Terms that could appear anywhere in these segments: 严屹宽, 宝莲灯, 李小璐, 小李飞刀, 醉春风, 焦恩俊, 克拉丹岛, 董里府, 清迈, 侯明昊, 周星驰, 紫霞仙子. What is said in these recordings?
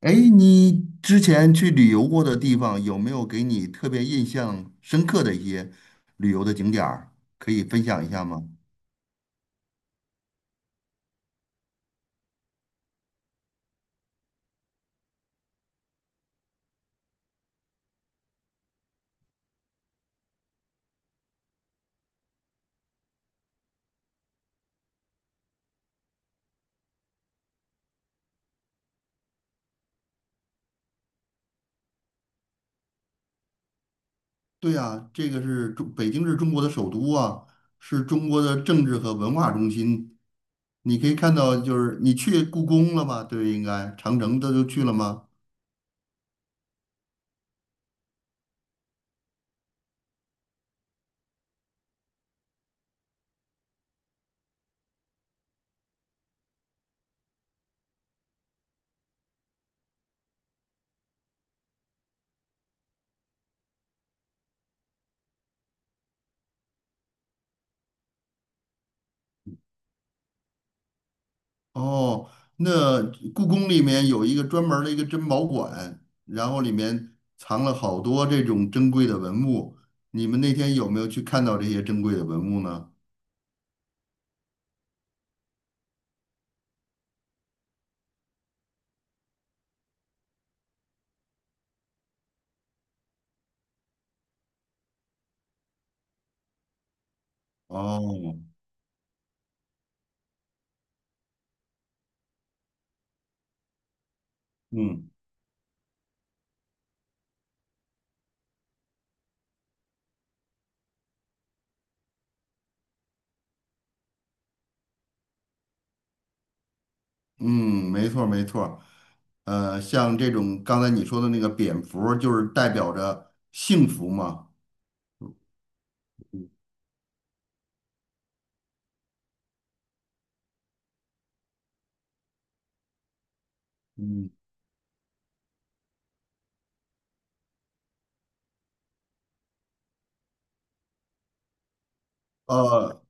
哎，你之前去旅游过的地方，有没有给你特别印象深刻的一些旅游的景点儿，可以分享一下吗？对呀，这个是中，北京是中国的首都啊，是中国的政治和文化中心。你可以看到，就是你去故宫了吗？对，应该长城这都去了吗？哦，那故宫里面有一个专门儿的一个珍宝馆，然后里面藏了好多这种珍贵的文物。你们那天有没有去看到这些珍贵的文物呢？哦，嗯嗯，没错儿没错儿像这种刚才你说的那个蝙蝠儿就是代表着幸福嘛。嗯，呃，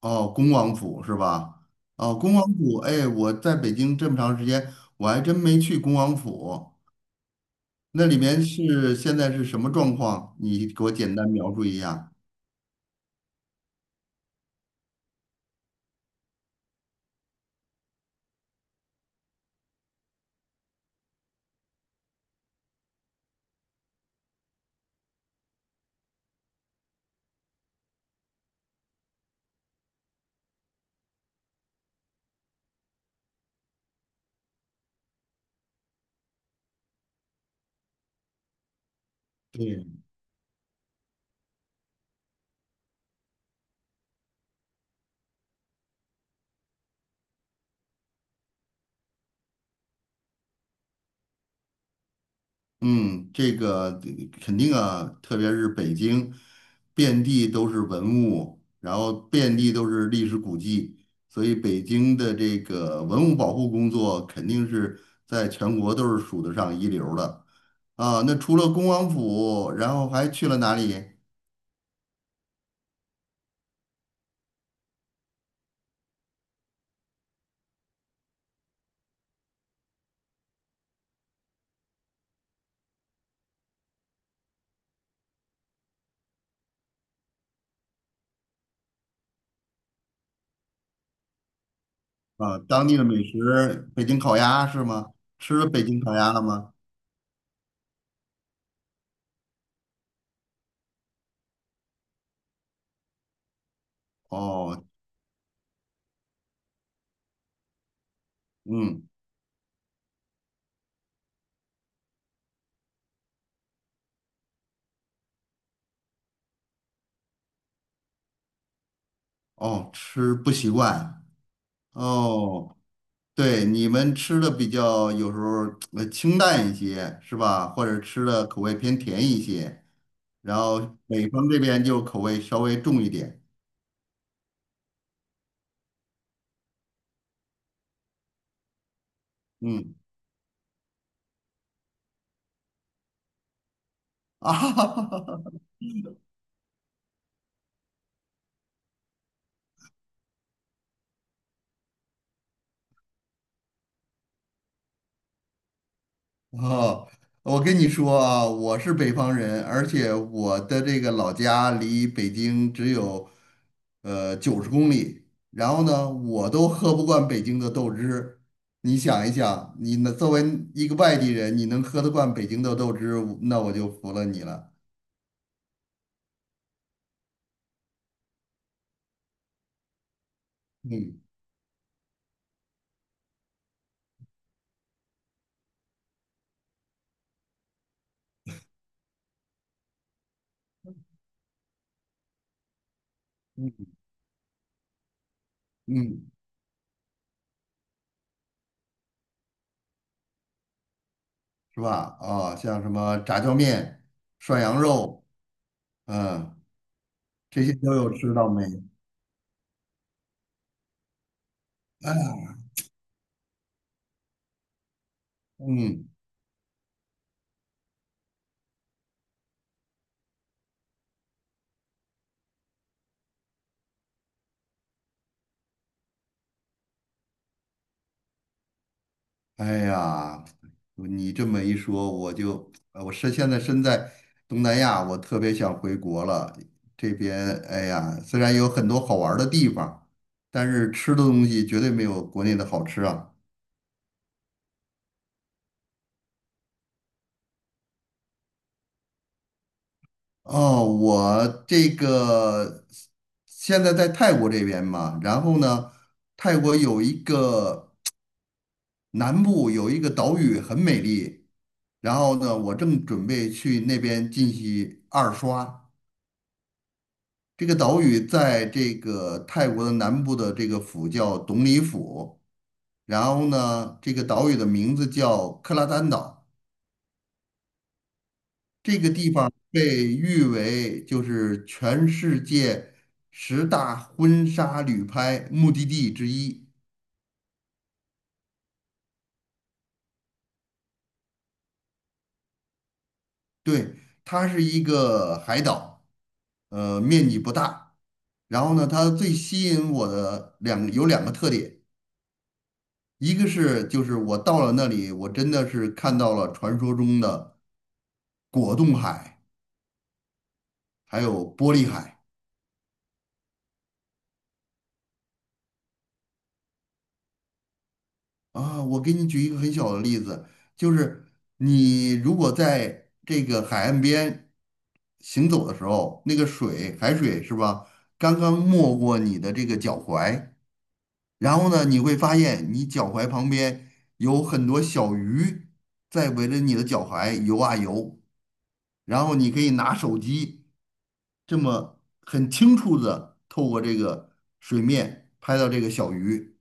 哦，恭王府是吧？哦，恭王府，哎，我在北京这么长时间，我还真没去恭王府。那里面是现在是什么状况？你给我简单描述一下。对，嗯，这个肯定啊，特别是北京，遍地都是文物，然后遍地都是历史古迹，所以北京的这个文物保护工作肯定是在全国都是数得上一流的啊。那除了恭王府，然后还去了哪里啊？当地的美食，北京烤鸭是吗？吃了北京烤鸭了吗？哦，嗯。哦，吃不习惯哦，对，你们吃的比较有时候清淡一些是吧？或者吃的口味偏甜一些，然后北方这边就口味稍微重一点，嗯啊，哦，我跟你说啊，我是北方人，而且我的这个老家离北京只有90公里。然后呢，我都喝不惯北京的豆汁。你想一想，你呢作为一个外地人，你能喝得惯北京的豆汁，那我就服了你了。嗯嗯，嗯，是吧？啊、像什么炸酱面、涮羊肉，嗯，这些都有吃到没？哎嗯。哎呀，你这么一说，我就我是现在身在东南亚，我特别想回国了。这边哎呀，虽然有很多好玩儿的地方，但是吃的东西绝对没有国内的好吃啊。哦，我这个现在在泰国这边嘛，然后呢，泰国有一个南部有一个岛屿很美丽，然后呢，我正准备去那边进行二刷。这个岛屿在这个泰国的南部的这个府叫董里府，然后呢，这个岛屿的名字叫克拉丹岛。这个地方被誉为就是全世界10大婚纱旅拍目的地之一。对，它是一个海岛，面积不大。然后呢，它最吸引我的有2个特点，一个是就是我到了那里，我真的是看到了传说中的。果冻海，还有玻璃海啊。我给你举一个很小的例子，就是你如果在这个海岸边行走的时候，那个水，海水是吧，刚刚没过你的这个脚踝，然后呢，你会发现你脚踝旁边有很多小鱼在围着你的脚踝游啊游，然后你可以拿手机。这么很清楚的透过这个水面拍到这个小鱼，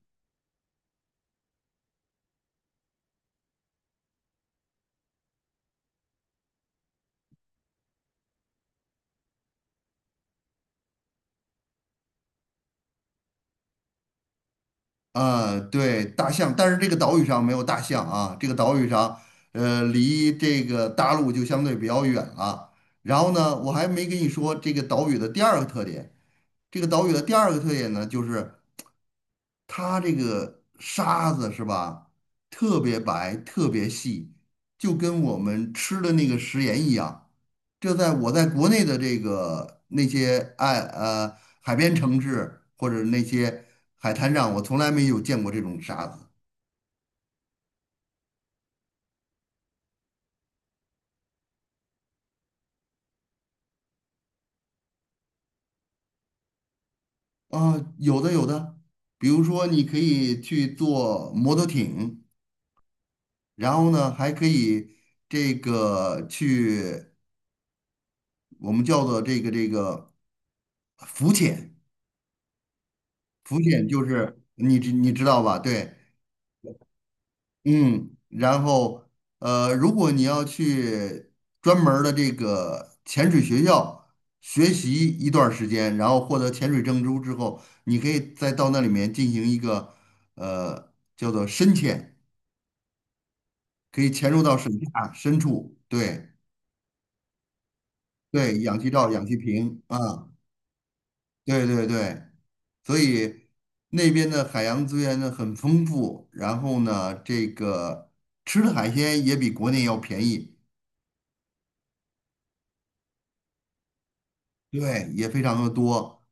对，大象，但是这个岛屿上没有大象啊，这个岛屿上，离这个大陆就相对比较远了。然后呢，我还没跟你说这个岛屿的第二个特点，这个岛屿的第二个特点呢，就是它这个沙子是吧，特别白，特别细，就跟我们吃的那个食盐一样。这在我在国内的这个那些海边城市或者那些海滩上，我从来没有见过这种沙子啊，有的有的，比如说你可以去坐摩托艇，然后呢还可以这个去我们叫做这个浮潜，浮潜就是你知道吧？对，嗯，然后如果你要去专门儿的这个潜水学校学习一段儿时间，然后获得潜水证书之后，你可以再到那里面进行一个叫做深潜，可以潜入到水下深处。对对，氧气罩、氧气瓶啊，对对对，所以那边的海洋资源呢很丰富，然后呢，这个吃的海鲜也比国内要便宜。对，也非常的多，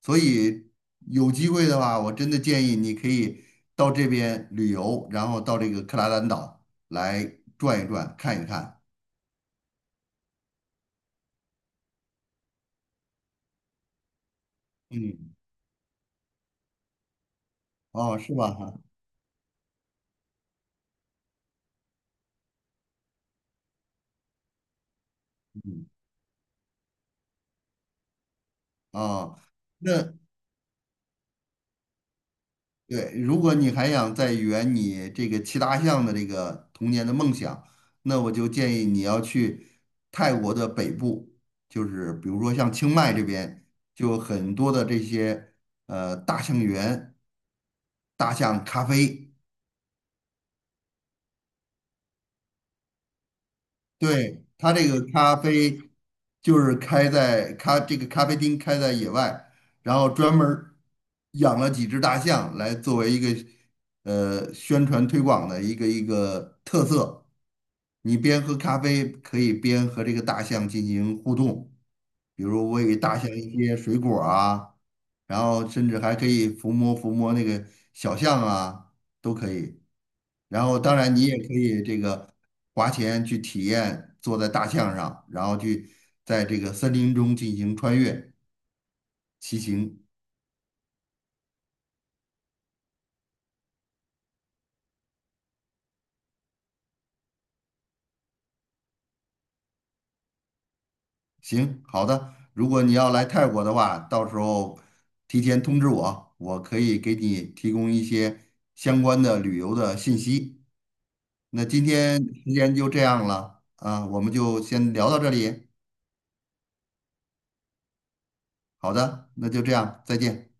所以有机会的话，我真的建议你可以到这边旅游，然后到这个克拉兰岛来转一转，看一看。嗯，哦，是吧？哈，嗯，哦，那对，如果你还想再圆你这个骑大象的这个童年的梦想，那我就建议你要去泰国的北部，就是比如说像清迈这边，就有很多的这些大象园、大象咖啡。对，他这个咖啡就是开在这个咖啡厅开在野外，然后专门儿养了几只大象来作为一个宣传推广的一个特色。你边喝咖啡可以边和这个大象进行互动，比如喂大象一些水果儿啊，然后甚至还可以抚摸抚摸那个小象啊，都可以。然后当然你也可以这个花钱去体验坐在大象上，然后去在这个森林中进行穿越骑行。行，好的。如果你要来泰国的话，到时候提前通知我，我可以给你提供一些相关的旅游的信息。那今天时间就这样了啊，我们就先聊到这里。好的，那就这样，再见。